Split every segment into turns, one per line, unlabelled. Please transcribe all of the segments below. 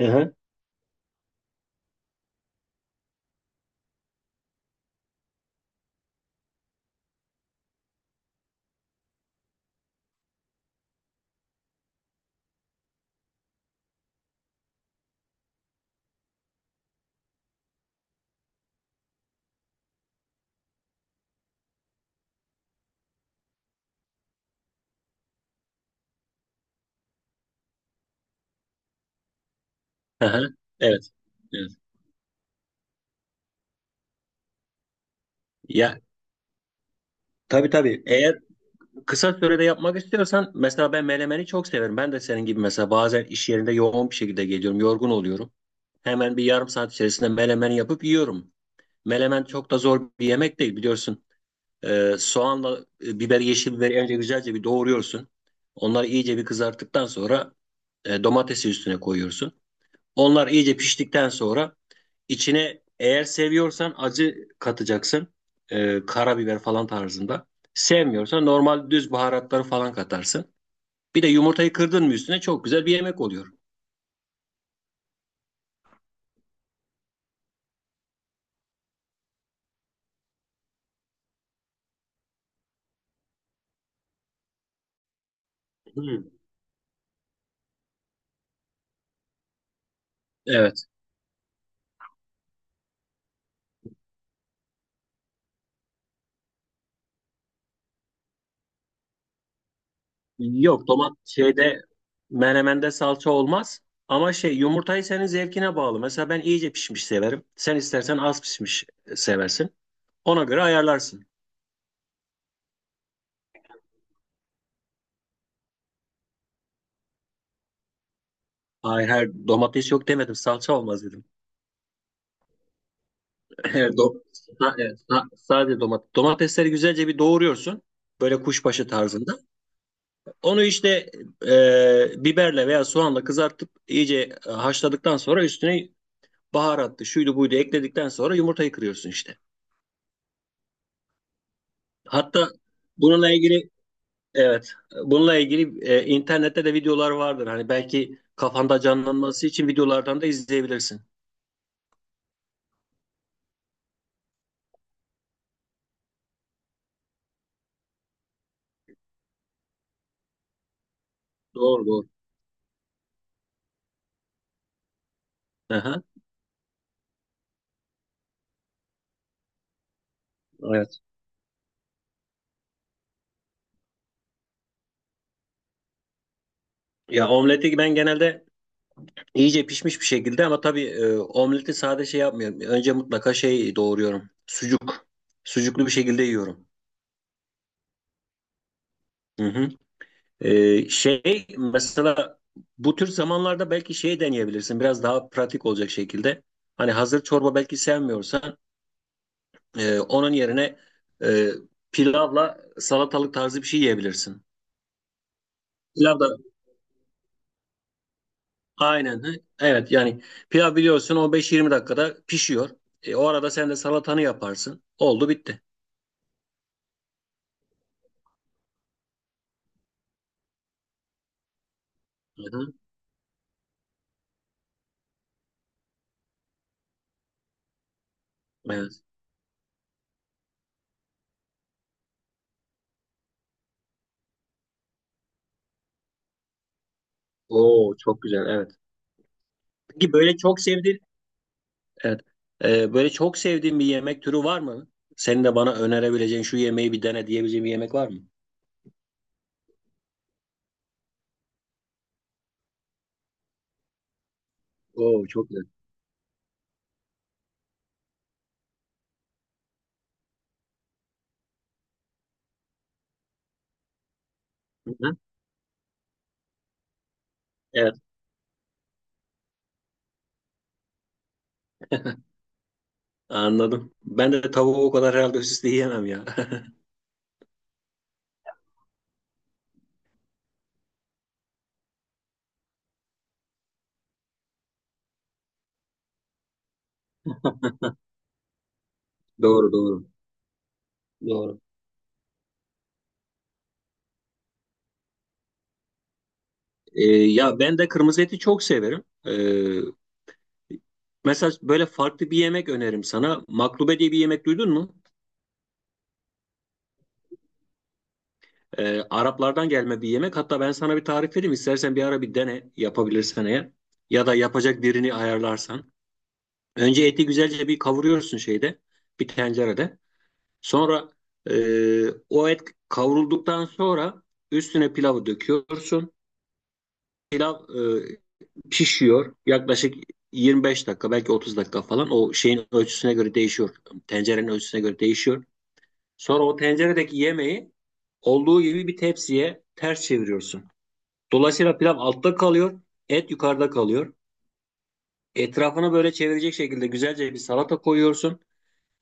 Hı hı. Hı hı. Evet. Evet. Ya tabii tabii. Eğer kısa sürede yapmak istiyorsan mesela ben melemeni çok severim. Ben de senin gibi mesela bazen iş yerinde yoğun bir şekilde geliyorum, yorgun oluyorum. Hemen bir yarım saat içerisinde melemen yapıp yiyorum. Melemen çok da zor bir yemek değil biliyorsun. Soğanla biber, yeşil biberi önce güzelce bir doğruyorsun. Onları iyice bir kızarttıktan sonra domatesi üstüne koyuyorsun. Onlar iyice piştikten sonra İçine eğer seviyorsan acı katacaksın. Karabiber falan tarzında. Sevmiyorsan normal düz baharatları falan katarsın. Bir de yumurtayı kırdın mı üstüne çok güzel bir yemek oluyor. Hmm. Evet. Yok, şeyde menemende salça olmaz. Ama şey, yumurtayı senin zevkine bağlı. Mesela ben iyice pişmiş severim. Sen istersen az pişmiş seversin. Ona göre ayarlarsın. Hayır hayır, domates yok demedim, salça olmaz dedim. Evet, ha, evet, ha, sadece domates. Domatesleri güzelce bir doğruyorsun. Böyle kuşbaşı tarzında. Onu işte biberle veya soğanla kızartıp iyice haşladıktan sonra üstüne baharatlı şuydu buydu ekledikten sonra yumurtayı kırıyorsun işte. Hatta bununla ilgili, evet, bununla ilgili internette de videolar vardır. Hani belki kafanda canlanması için videolardan da izleyebilirsin. Doğru doğru. Aha, evet. Ya omleti ben genelde İyice pişmiş bir şekilde, ama tabii omleti sade şey yapmıyorum. Önce mutlaka şey doğruyorum. Sucuk. Sucuklu bir şekilde yiyorum. Hı hı. Şey mesela bu tür zamanlarda belki şey deneyebilirsin. Biraz daha pratik olacak şekilde. Hani hazır çorba belki sevmiyorsan onun yerine e, pilavla salatalık tarzı bir şey yiyebilirsin. Pilav da aynen. Hı. Evet yani pilav biliyorsun 15-20 dakikada pişiyor. O arada sen de salatanı yaparsın. Oldu bitti. Evet. Oo çok güzel. Evet. Peki böyle çok sevdiğin, evet, böyle çok sevdiğin bir yemek türü var mı? Senin de bana önerebileceğin şu yemeği bir dene diyebileceğin bir yemek var mı? Oo çok güzel. Hı hı. Evet. Anladım. Ben de tavuğu o kadar herhalde üst üste yiyemem ya. Doğru doğru. Doğru. Ya ben de kırmızı eti çok severim. Mesela böyle farklı bir yemek öneririm sana. Maklube diye bir yemek duydun mu? Araplardan gelme bir yemek. Hatta ben sana bir tarif vereyim. İstersen bir ara bir dene, yapabilirsen eğer. Ya da yapacak birini ayarlarsan. Önce eti güzelce bir kavuruyorsun şeyde. Bir tencerede. Sonra e, o et kavrulduktan sonra üstüne pilavı döküyorsun. Pilav pişiyor. Yaklaşık 25 dakika, belki 30 dakika falan. O şeyin ölçüsüne göre değişiyor. Tencerenin ölçüsüne göre değişiyor. Sonra o tenceredeki yemeği olduğu gibi bir tepsiye ters çeviriyorsun. Dolayısıyla pilav altta kalıyor, et yukarıda kalıyor. Etrafını böyle çevirecek şekilde güzelce bir salata koyuyorsun.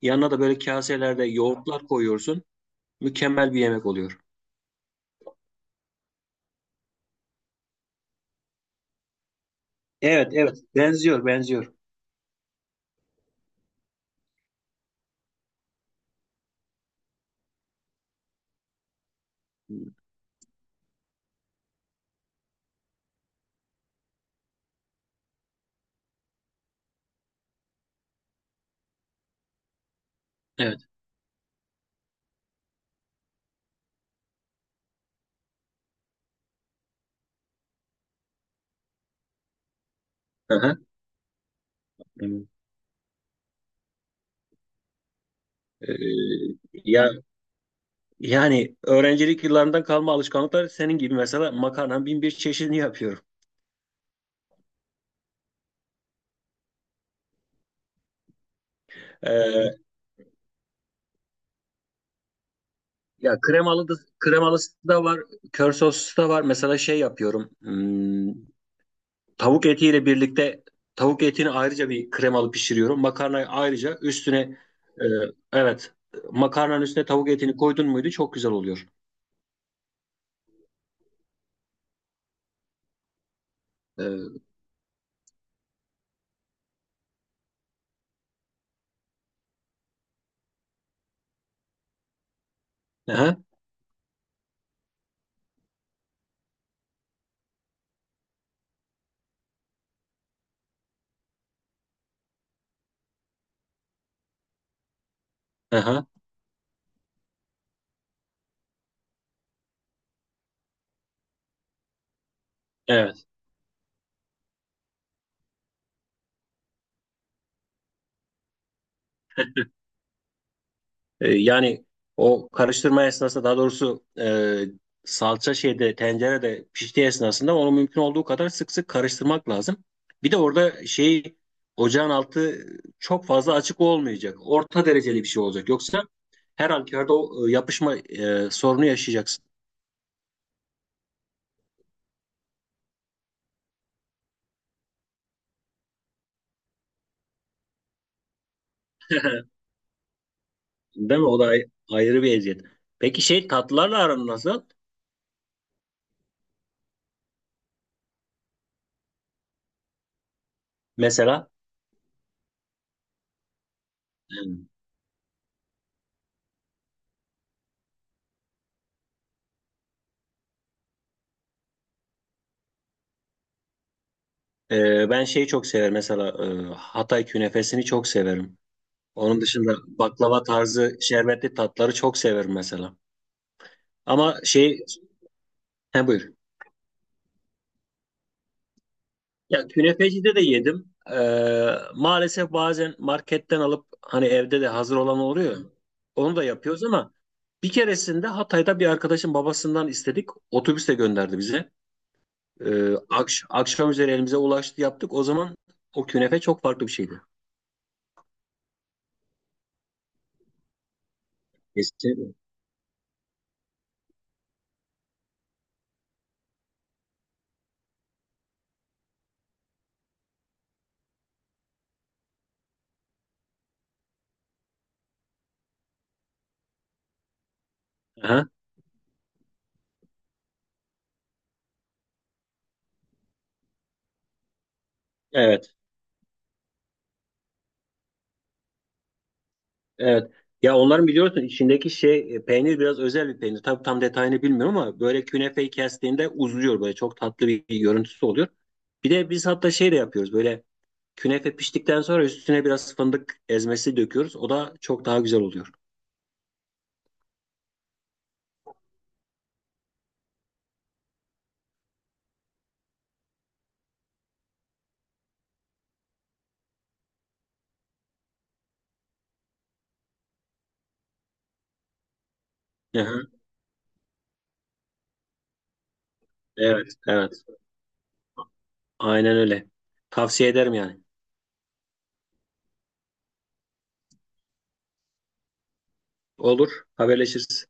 Yanına da böyle kaselerde yoğurtlar koyuyorsun. Mükemmel bir yemek oluyor. Evet, evet. Benziyor, benziyor. Evet. Hı hı. Evet. Ee, Ya yani öğrencilik yıllarından kalma alışkanlıklar, senin gibi mesela makarnanın bin bir çeşidini yapıyorum. Ee, Ya kremalı da, kremalısı da var, kör soslu da var. Mesela şey yapıyorum. Hmm. Tavuk etiyle birlikte tavuk etini ayrıca bir kremalı pişiriyorum. Makarnayı ayrıca üstüne e, evet, makarnanın üstüne tavuk etini koydun muydu çok güzel oluyor. E, aha, aha, evet. Yani o karıştırma esnasında, daha doğrusu salça şeyde tencerede piştiği esnasında onu mümkün olduğu kadar sık sık karıştırmak lazım. Bir de orada şey, ocağın altı çok fazla açık olmayacak. Orta dereceli bir şey olacak. Yoksa her halükarda o yapışma sorunu yaşayacaksın. Değil mi? O da ayrı bir eziyet. Peki şey, tatlılarla aran nasıl? Mesela ben şeyi çok severim. Mesela Hatay künefesini çok severim. Onun dışında baklava tarzı şerbetli tatları çok severim mesela. Ama şey, he, buyur. Ya künefecide de yedim. Maalesef bazen marketten alıp hani evde de hazır olan oluyor. Onu da yapıyoruz ama bir keresinde Hatay'da bir arkadaşın babasından istedik. Otobüste gönderdi bize. Akşam üzeri elimize ulaştı, yaptık. O zaman o künefe çok farklı bir şeydi. Kesinlikle. Aha, evet. Evet. Ya onların biliyorsun içindeki şey peynir biraz özel bir peynir. Tabii tam detayını bilmiyorum ama böyle künefeyi kestiğinde uzuyor, böyle çok tatlı bir görüntüsü oluyor. Bir de biz hatta şey de yapıyoruz, böyle künefe piştikten sonra üstüne biraz fındık ezmesi döküyoruz. O da çok daha güzel oluyor. Aha, evet, evet. Aynen öyle. Tavsiye ederim yani. Olur, haberleşiriz.